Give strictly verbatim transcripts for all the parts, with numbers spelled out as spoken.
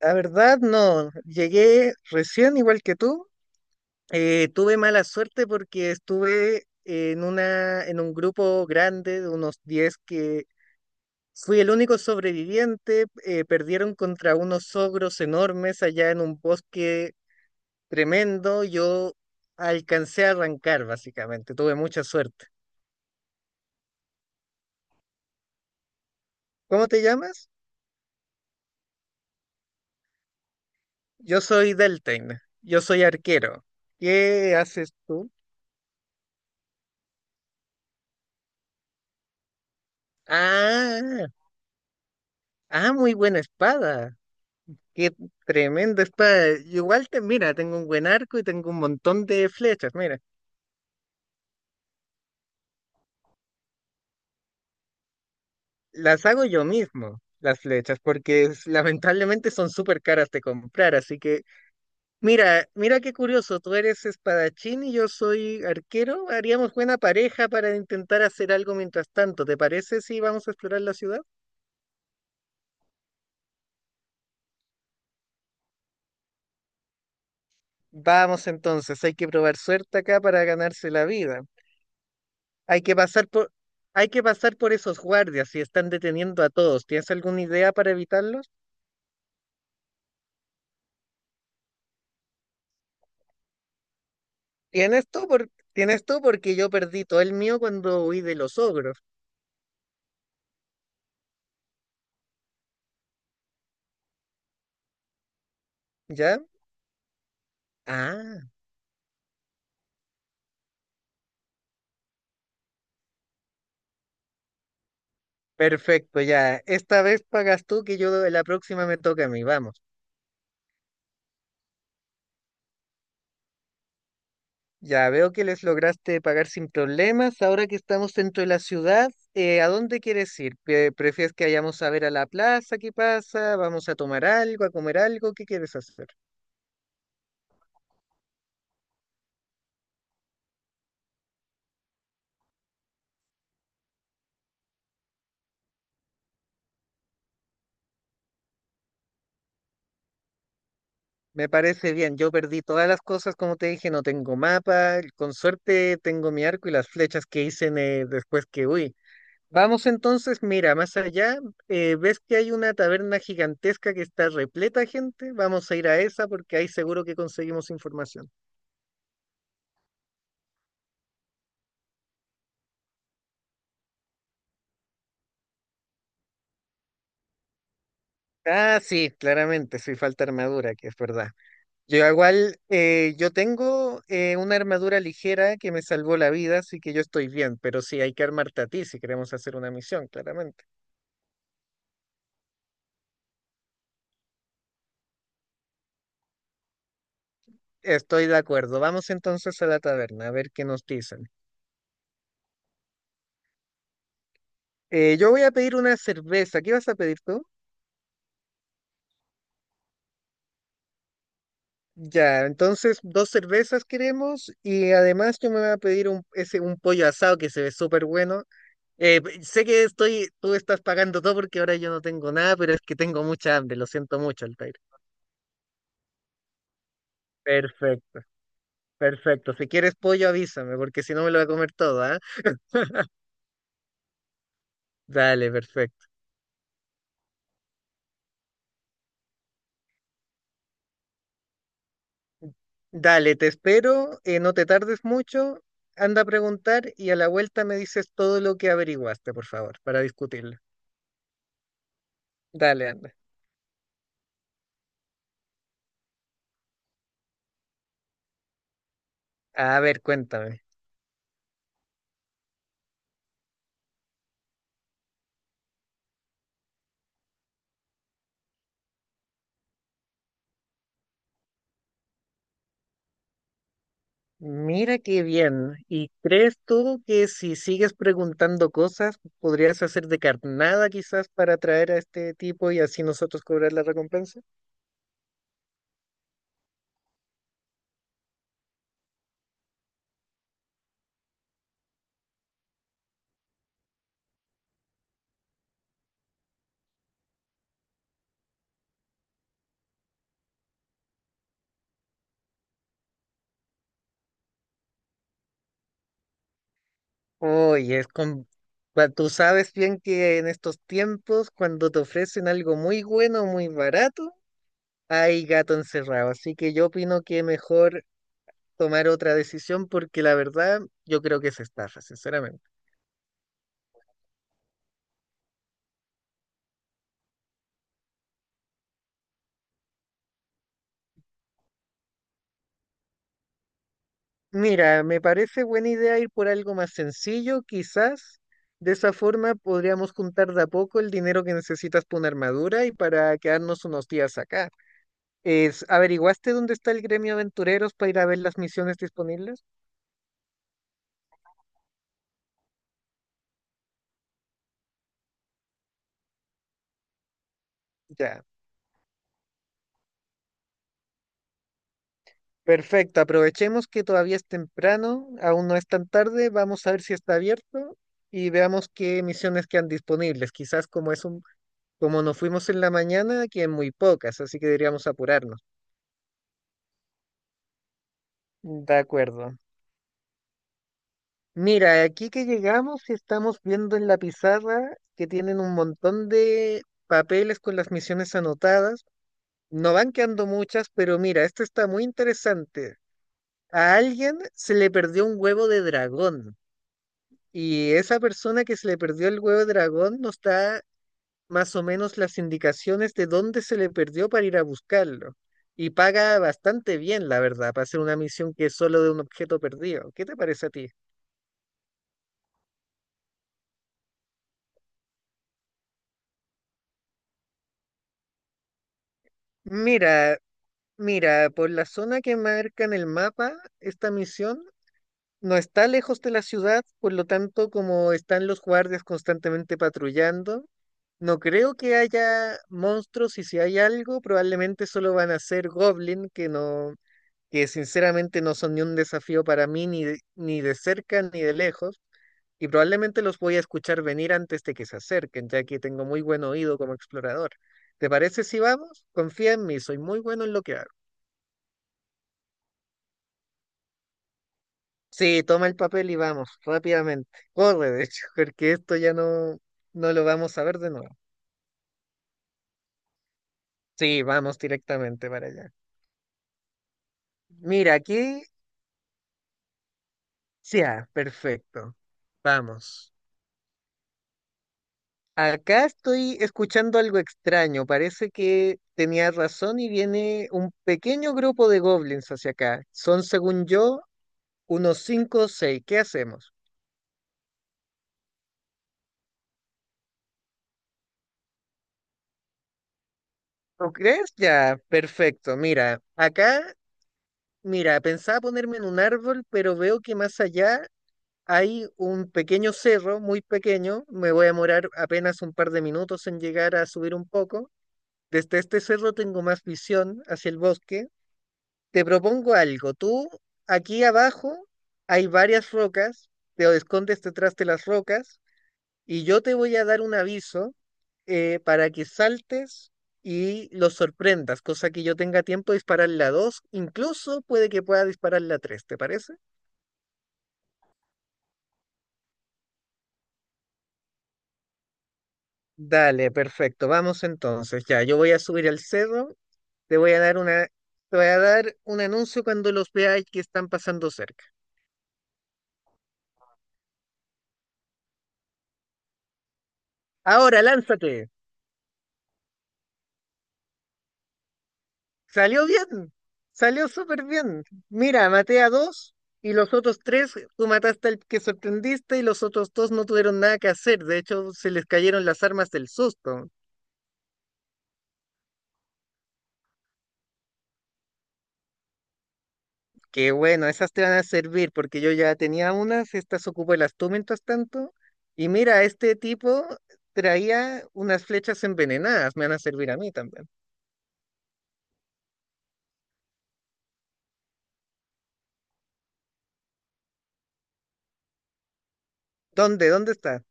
La verdad, no. Llegué recién, igual que tú. Eh, tuve mala suerte porque estuve en una, en un grupo grande de unos diez que fui el único sobreviviente. Eh, perdieron contra unos ogros enormes allá en un bosque tremendo. Yo alcancé a arrancar, básicamente. Tuve mucha suerte. ¿Cómo te llamas? Yo soy Deltain. Yo soy arquero. ¿Qué haces tú? Ah, ah, muy buena espada. Qué tremendo espada. Igual te, mira, tengo un buen arco y tengo un montón de flechas. Mira, las hago yo mismo, las flechas, porque es- lamentablemente son súper caras de comprar. Así que, mira, mira qué curioso. Tú eres espadachín y yo soy arquero. Haríamos buena pareja para intentar hacer algo mientras tanto. ¿Te parece si vamos a explorar la ciudad? Vamos entonces, hay que probar suerte acá para ganarse la vida. Hay que pasar por, Hay que pasar por esos guardias si están deteniendo a todos. ¿Tienes alguna idea para evitarlos? Tienes tú, por, tienes tú porque yo perdí todo el mío cuando huí de los ogros, ¿ya? Ah, perfecto, ya. Esta vez pagas tú que yo la próxima me toca a mí, vamos. Ya veo que les lograste pagar sin problemas. Ahora que estamos dentro de la ciudad, eh, ¿a dónde quieres ir? Pre- ¿Prefieres que vayamos a ver a la plaza? ¿Qué pasa? ¿Vamos a tomar algo, a comer algo? ¿Qué quieres hacer? Me parece bien, yo perdí todas las cosas, como te dije, no tengo mapa, con suerte tengo mi arco y las flechas que hice en, eh, después que huí. Vamos entonces, mira, más allá, eh, ves que hay una taberna gigantesca que está repleta de gente, vamos a ir a esa porque ahí seguro que conseguimos información. Ah, sí, claramente, sí falta armadura, que es verdad. Yo igual, eh, yo tengo eh, una armadura ligera que me salvó la vida, así que yo estoy bien, pero sí hay que armarte a ti si queremos hacer una misión, claramente. Estoy de acuerdo. Vamos entonces a la taberna a ver qué nos dicen. Eh, yo voy a pedir una cerveza. ¿Qué vas a pedir tú? Ya, entonces dos cervezas queremos y además yo me voy a pedir un, ese, un pollo asado que se ve súper bueno. Eh, p- sé que estoy, tú estás pagando todo porque ahora yo no tengo nada, pero es que tengo mucha hambre, lo siento mucho, Altair. Perfecto, perfecto. Si quieres pollo avísame porque si no me lo voy a comer todo, ¿ah? Dale, perfecto. Dale, te espero, eh, no te tardes mucho, anda a preguntar y a la vuelta me dices todo lo que averiguaste, por favor, para discutirlo. Dale, anda. A ver, cuéntame. Mira qué bien. ¿Y crees tú que si sigues preguntando cosas, podrías hacer de carnada quizás para atraer a este tipo y así nosotros cobrar la recompensa? Oye, es con... pa- Tú sabes bien que en estos tiempos, cuando te ofrecen algo muy bueno, muy barato, hay gato encerrado, así que yo opino que mejor tomar otra decisión porque la verdad yo creo que es estafa, sinceramente. Mira, me parece buena idea ir por algo más sencillo, quizás. De esa forma podríamos juntar de a poco el dinero que necesitas para una armadura y para quedarnos unos días acá. Es, ¿averiguaste dónde está el gremio Aventureros para ir a ver las misiones disponibles? Ya. Perfecto, aprovechemos que todavía es temprano, aún no es tan tarde, vamos a ver si está abierto y veamos qué misiones quedan disponibles. Quizás como es un, como nos fuimos en la mañana, quedan muy pocas, así que deberíamos apurarnos. De acuerdo. Mira, aquí que llegamos estamos viendo en la pizarra que tienen un montón de papeles con las misiones anotadas. No van quedando muchas, pero mira, esto está muy interesante. A alguien se le perdió un huevo de dragón. Y esa persona que se le perdió el huevo de dragón nos da más o menos las indicaciones de dónde se le perdió para ir a buscarlo. Y paga bastante bien, la verdad, para hacer una misión que es solo de un objeto perdido. ¿Qué te parece a ti? Mira, mira, por la zona que marca en el mapa, esta misión no está lejos de la ciudad, por lo tanto, como están los guardias constantemente patrullando, no creo que haya monstruos y si hay algo, probablemente solo van a ser goblin que no, que sinceramente no son ni un desafío para mí, ni de, ni de cerca ni de lejos, y probablemente los voy a escuchar venir antes de que se acerquen, ya que tengo muy buen oído como explorador. ¿Te parece si vamos? Confía en mí, soy muy bueno en lo que hago. Sí, toma el papel y vamos, rápidamente. Corre, de hecho, porque esto ya no, no lo vamos a ver de nuevo. Sí, vamos directamente para allá. Mira, aquí, ya, perfecto. Vamos. Acá estoy escuchando algo extraño. Parece que tenía razón y viene un pequeño grupo de goblins hacia acá. Son, según yo, unos cinco o seis. ¿Qué hacemos? ¿Lo crees? Ya, perfecto. Mira, acá, mira, pensaba ponerme en un árbol, pero veo que más allá hay un pequeño cerro, muy pequeño. Me voy a demorar apenas un par de minutos en llegar a subir un poco. Desde este cerro tengo más visión hacia el bosque. Te propongo algo. Tú, aquí abajo, hay varias rocas, te escondes detrás de las rocas y yo te voy a dar un aviso eh, para que saltes y los sorprendas, cosa que yo tenga tiempo de disparar la dos. Incluso puede que pueda disparar la tres. ¿Te parece? Dale, perfecto, vamos entonces. Ya, yo voy a subir al cerro, te voy a dar una, te voy a dar un anuncio cuando los veáis que están pasando cerca. Ahora, lánzate. Salió bien, salió súper bien. Mira, maté a dos y los otros tres, tú mataste al que sorprendiste y los otros dos no tuvieron nada que hacer. De hecho, se les cayeron las armas del susto. Que bueno, esas te van a servir porque yo ya tenía unas, estas ocupé las tú mientras tanto. Y mira, este tipo traía unas flechas envenenadas, me van a servir a mí también. ¿Dónde? ¿Dónde está?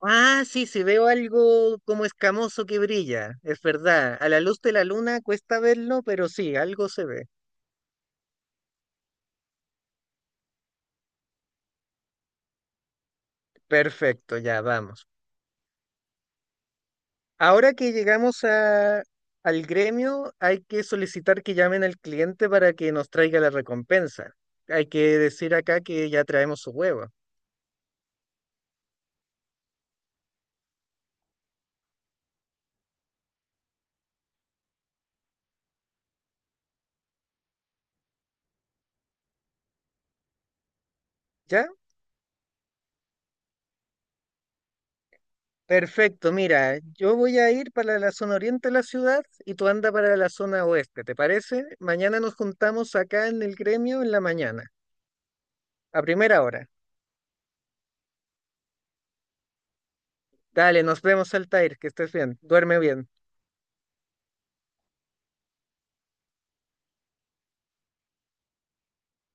Ah, sí, sí, veo algo como escamoso que brilla, es verdad. A la luz de la luna cuesta verlo, pero sí, algo se ve. Perfecto, ya vamos. Ahora que llegamos a- al gremio, hay que solicitar que llamen al cliente para que nos traiga la recompensa. Hay que decir acá que ya traemos su huevo. ¿Ya? Perfecto, mira, yo voy a ir para la zona oriente de la ciudad y tú anda para la zona oeste, ¿te parece? Mañana nos juntamos acá en el gremio en la mañana, a primera hora. Dale, nos vemos, Altair, que estés bien, duerme bien.